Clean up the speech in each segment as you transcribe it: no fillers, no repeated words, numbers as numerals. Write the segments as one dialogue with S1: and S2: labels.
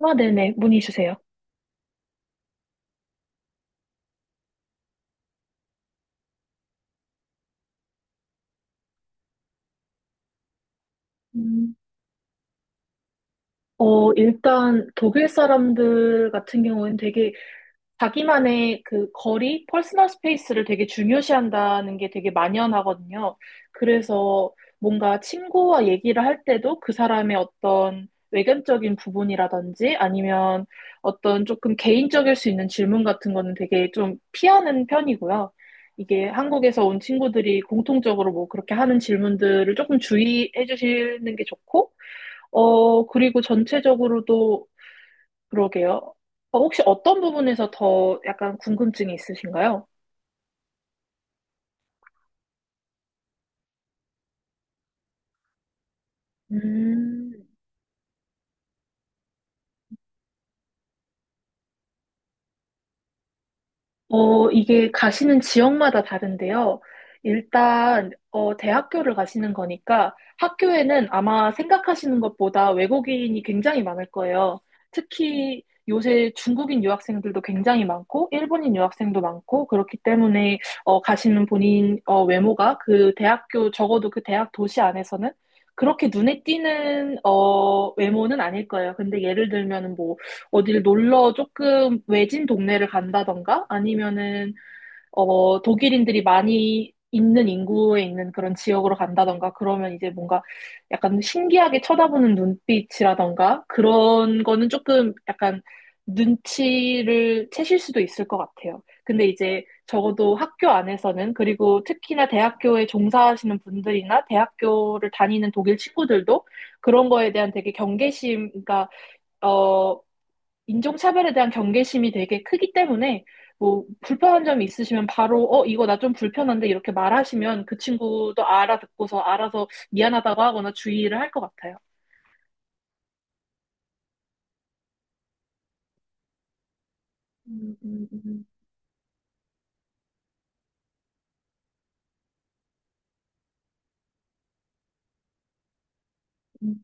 S1: 아, 네네. 문의 주세요. 음, 일단 독일 사람들 같은 경우는 되게 자기만의 그 거리, 퍼스널 스페이스를 되게 중요시한다는 게 되게 만연하거든요. 그래서 뭔가 친구와 얘기를 할 때도 그 사람의 어떤 외견적인 부분이라든지 아니면 어떤 조금 개인적일 수 있는 질문 같은 거는 되게 좀 피하는 편이고요. 이게 한국에서 온 친구들이 공통적으로 뭐 그렇게 하는 질문들을 조금 주의해 주시는 게 좋고, 그리고 전체적으로도 그러게요. 혹시 어떤 부분에서 더 약간 궁금증이 있으신가요? 음, 이게 가시는 지역마다 다른데요. 일단, 대학교를 가시는 거니까 학교에는 아마 생각하시는 것보다 외국인이 굉장히 많을 거예요. 특히 요새 중국인 유학생들도 굉장히 많고, 일본인 유학생도 많고, 그렇기 때문에, 가시는 본인, 외모가 그 대학교, 적어도 그 대학 도시 안에서는 그렇게 눈에 띄는, 외모는 아닐 거예요. 근데 예를 들면, 뭐, 어딜 놀러 조금 외진 동네를 간다던가 아니면은 독일인들이 많이 있는 인구에 있는 그런 지역으로 간다던가 그러면 이제 뭔가 약간 신기하게 쳐다보는 눈빛이라던가 그런 거는 조금 약간 눈치를 채실 수도 있을 것 같아요. 근데 이제 적어도 학교 안에서는 그리고 특히나 대학교에 종사하시는 분들이나 대학교를 다니는 독일 친구들도 그런 거에 대한 되게 경계심, 그러니까 어 인종차별에 대한 경계심이 되게 크기 때문에 뭐 불편한 점이 있으시면 바로 이거 나 좀 불편한데 이렇게 말하시면 그 친구도 알아듣고서 알아서 미안하다고 하거나 주의를 할 것 같아요. 음, 음, 음, 음.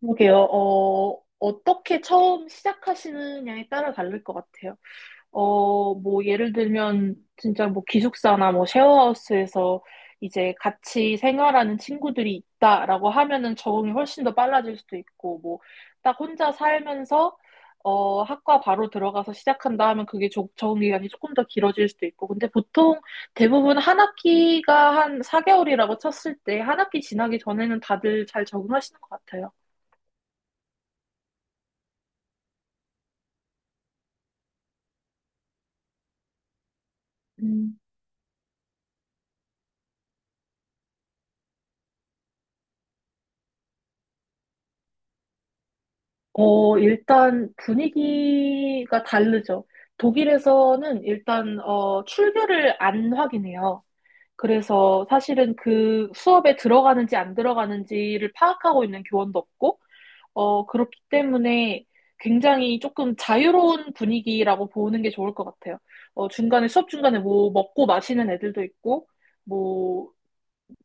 S1: 그러게요. 어떻게 처음 시작하시느냐에 따라 다를 것 같아요. 뭐, 예를 들면, 진짜 뭐, 기숙사나 뭐, 쉐어하우스에서 이제 같이 생활하는 친구들이 있다라고 하면은 적응이 훨씬 더 빨라질 수도 있고, 뭐, 딱 혼자 살면서, 학과 바로 들어가서 시작한다 하면 그게 적응 기간이 조금 더 길어질 수도 있고, 근데 보통 대부분 한 학기가 한 4개월이라고 쳤을 때, 한 학기 지나기 전에는 다들 잘 적응하시는 것 같아요. 일단 분위기가 다르죠. 독일에서는 일단, 출결을 안 확인해요. 그래서 사실은 그 수업에 들어가는지 안 들어가는지를 파악하고 있는 교원도 없고, 그렇기 때문에 굉장히 조금 자유로운 분위기라고 보는 게 좋을 것 같아요. 수업 중간에 뭐 먹고 마시는 애들도 있고, 뭐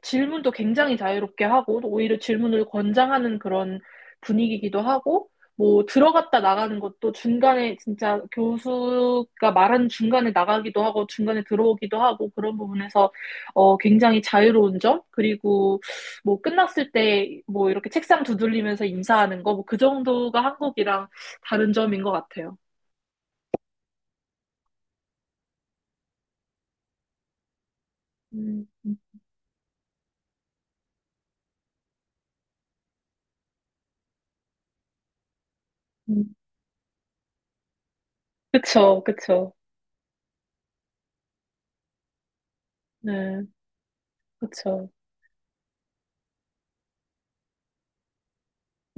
S1: 질문도 굉장히 자유롭게 하고 오히려 질문을 권장하는 그런 분위기이기도 하고 뭐 들어갔다 나가는 것도 중간에 진짜 교수가 말하는 중간에 나가기도 하고 중간에 들어오기도 하고 그런 부분에서 굉장히 자유로운 점 그리고 뭐 끝났을 때 뭐 이렇게 책상 두들리면서 인사하는 거 뭐 그 정도가 한국이랑 다른 점인 것 같아요. 음, 음, 음. 그쵸, 그쵸. 네, 그쵸.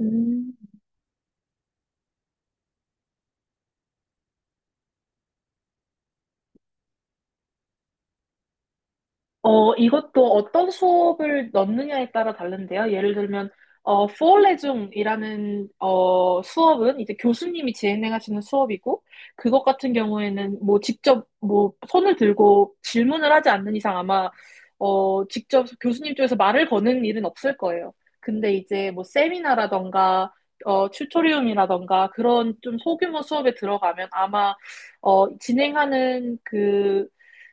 S1: 음. 이것도 어떤 수업을 넣느냐에 따라 다른데요. 예를 들면, 포레중이라는, 수업은 이제 교수님이 진행하시는 수업이고, 그것 같은 경우에는 뭐 직접 뭐 손을 들고 질문을 하지 않는 이상 아마, 직접 교수님 쪽에서 말을 거는 일은 없을 거예요. 근데 이제 뭐 세미나라던가, 튜토리움이라던가 그런 좀 소규모 수업에 들어가면 아마, 진행하는 그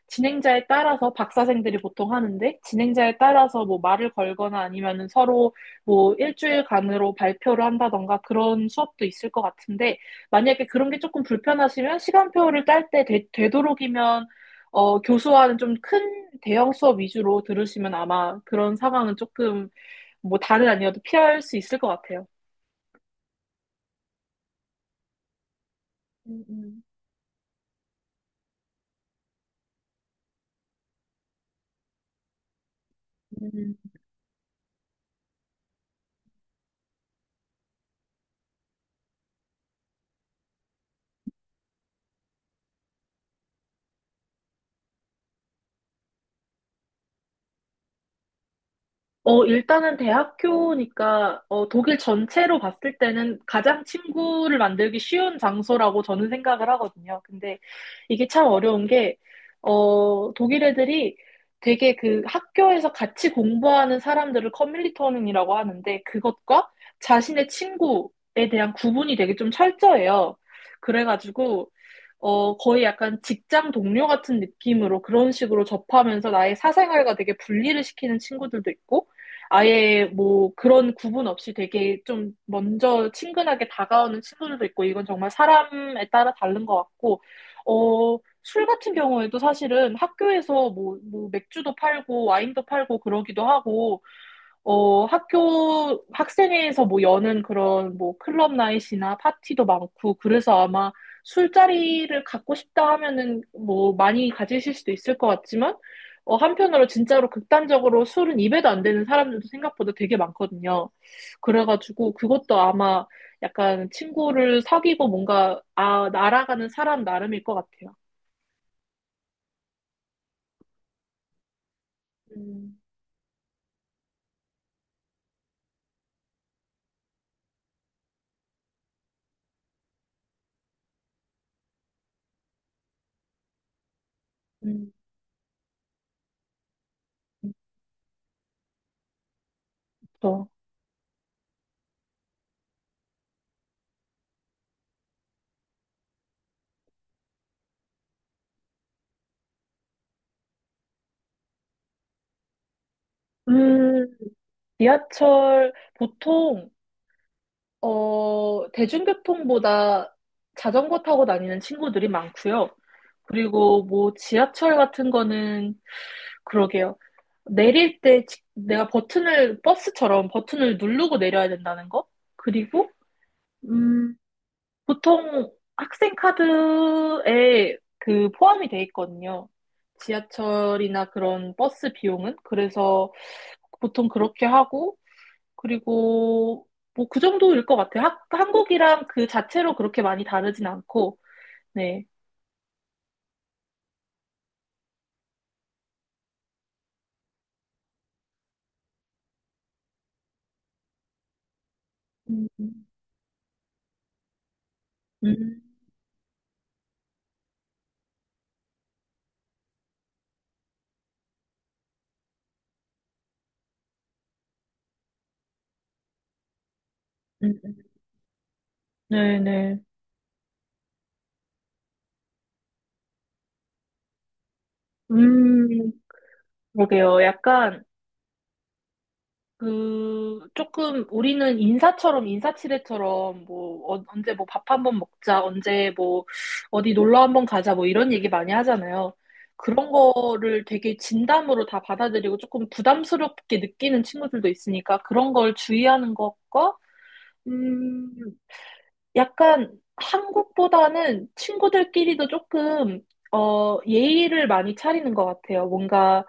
S1: 진행자에 따라서 박사생들이 보통 하는데 진행자에 따라서 뭐 말을 걸거나 아니면은 서로 뭐 일주일간으로 발표를 한다던가 그런 수업도 있을 것 같은데 만약에 그런 게 조금 불편하시면 시간표를 짤 때 되도록이면 교수와는 좀 큰 대형 수업 위주로 들으시면 아마 그런 상황은 조금 뭐 다른 아니어도 피할 수 있을 것 같아요. 음, 음. 음. 일단은 대학교니까, 독일 전체로 봤을 때는 가장 친구를 만들기 쉬운 장소라고 저는 생각을 하거든요. 근데 이게 참 어려운 게, 독일 애들이 되게 그 학교에서 같이 공부하는 사람들을 커뮤니티원이라고 하는데, 그것과 자신의 친구에 대한 구분이 되게 좀 철저해요. 그래가지고, 거의 약간 직장 동료 같은 느낌으로 그런 식으로 접하면서 나의 사생활과 되게 분리를 시키는 친구들도 있고, 아예 뭐 그런 구분 없이 되게 좀 먼저 친근하게 다가오는 친구들도 있고 이건 정말 사람에 따라 다른 것 같고 술 같은 경우에도 사실은 학교에서 뭐, 뭐 맥주도 팔고 와인도 팔고 그러기도 하고 학교 학생회에서 뭐 여는 그런 뭐 클럽 나잇이나 파티도 많고 그래서 아마 술자리를 갖고 싶다 하면은 뭐 많이 가지실 수도 있을 것 같지만 한편으로 진짜로 극단적으로 술은 입에도 안 되는 사람들도 생각보다 되게 많거든요. 그래가지고 그것도 아마 약간 친구를 사귀고 뭔가 아, 날아가는 사람 나름일 것 같아요. 음, 음, 그렇죠. 음, 지하철 보통 대중교통보다 자전거 타고 다니는 친구들이 많고요. 그리고 뭐 지하철 같은 거는 그러게요. 내릴 때 내가 버튼을 버스처럼 버튼을 누르고 내려야 된다는 거? 그리고 음, 보통 학생 카드에 그 포함이 돼 있거든요. 지하철이나 그런 버스 비용은 그래서 보통 그렇게 하고 그리고 뭐 그 정도일 것 같아요. 한국이랑 그 자체로 그렇게 많이 다르진 않고, 네. 음, 음, 음, 음. 네네. 음, 그러게요. 약간 그 조금 우리는 인사처럼 인사치레처럼 뭐 언제 뭐 밥 한번 먹자, 언제 뭐 어디 놀러 한번 가자 뭐 이런 얘기 많이 하잖아요. 그런 거를 되게 진담으로 다 받아들이고 조금 부담스럽게 느끼는 친구들도 있으니까 그런 걸 주의하는 것과 음, 약간 한국보다는 친구들끼리도 조금, 예의를 많이 차리는 것 같아요. 뭔가,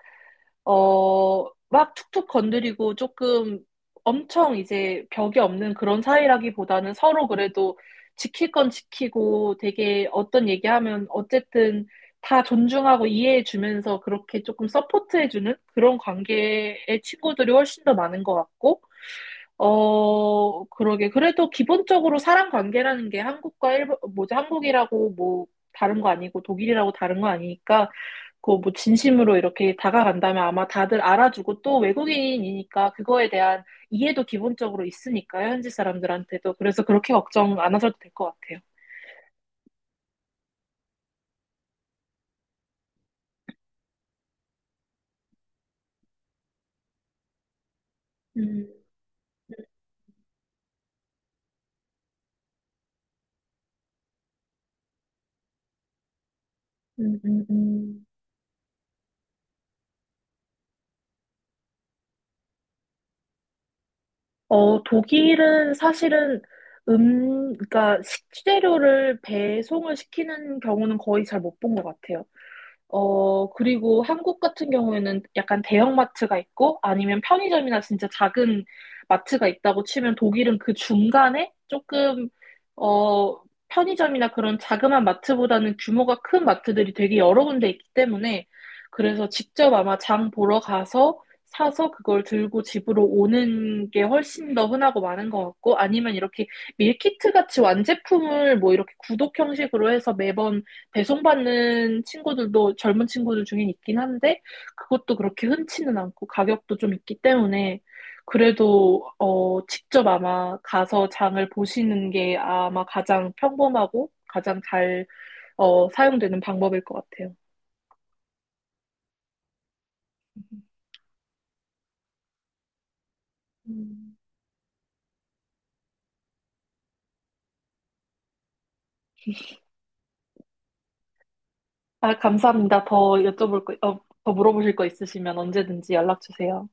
S1: 어, 막 툭툭 건드리고 조금 엄청 이제 벽이 없는 그런 사이라기보다는 서로 그래도 지킬 건 지키고 되게 어떤 얘기하면 어쨌든 다 존중하고 이해해주면서 그렇게 조금 서포트해주는 그런 관계의 친구들이 훨씬 더 많은 것 같고, 그러게. 그래도 기본적으로 사람 관계라는 게 한국과 일본, 뭐지, 한국이라고 뭐 다른 거 아니고 독일이라고 다른 거 아니니까, 그거 뭐 진심으로 이렇게 다가간다면 아마 다들 알아주고 또 외국인이니까 그거에 대한 이해도 기본적으로 있으니까요, 현지 사람들한테도. 그래서 그렇게 걱정 안 하셔도 될 것 같아요. 음, 음, 음, 음. 독일은 사실은 그러니까 식재료를 배송을 시키는 경우는 거의 잘 못 본 것 같아요. 그리고 한국 같은 경우에는 약간 대형마트가 있고 아니면 편의점이나 진짜 작은 마트가 있다고 치면 독일은 그 중간에 조금, 어, 편의점이나 그런 자그마한 마트보다는 규모가 큰 마트들이 되게 여러 군데 있기 때문에 그래서 직접 아마 장 보러 가서 사서 그걸 들고 집으로 오는 게 훨씬 더 흔하고 많은 것 같고 아니면 이렇게 밀키트 같이 완제품을 뭐 이렇게 구독 형식으로 해서 매번 배송받는 친구들도 젊은 친구들 중에 있긴 한데, 그것도 그렇게 흔치는 않고 가격도 좀 있기 때문에, 그래도, 직접 아마 가서 장을 보시는 게 아마 가장 평범하고 가장 잘, 사용되는 방법일 것 같아요. 음. 아, 감사합니다. 더 물어보실 거 있으시면 언제든지 연락 주세요.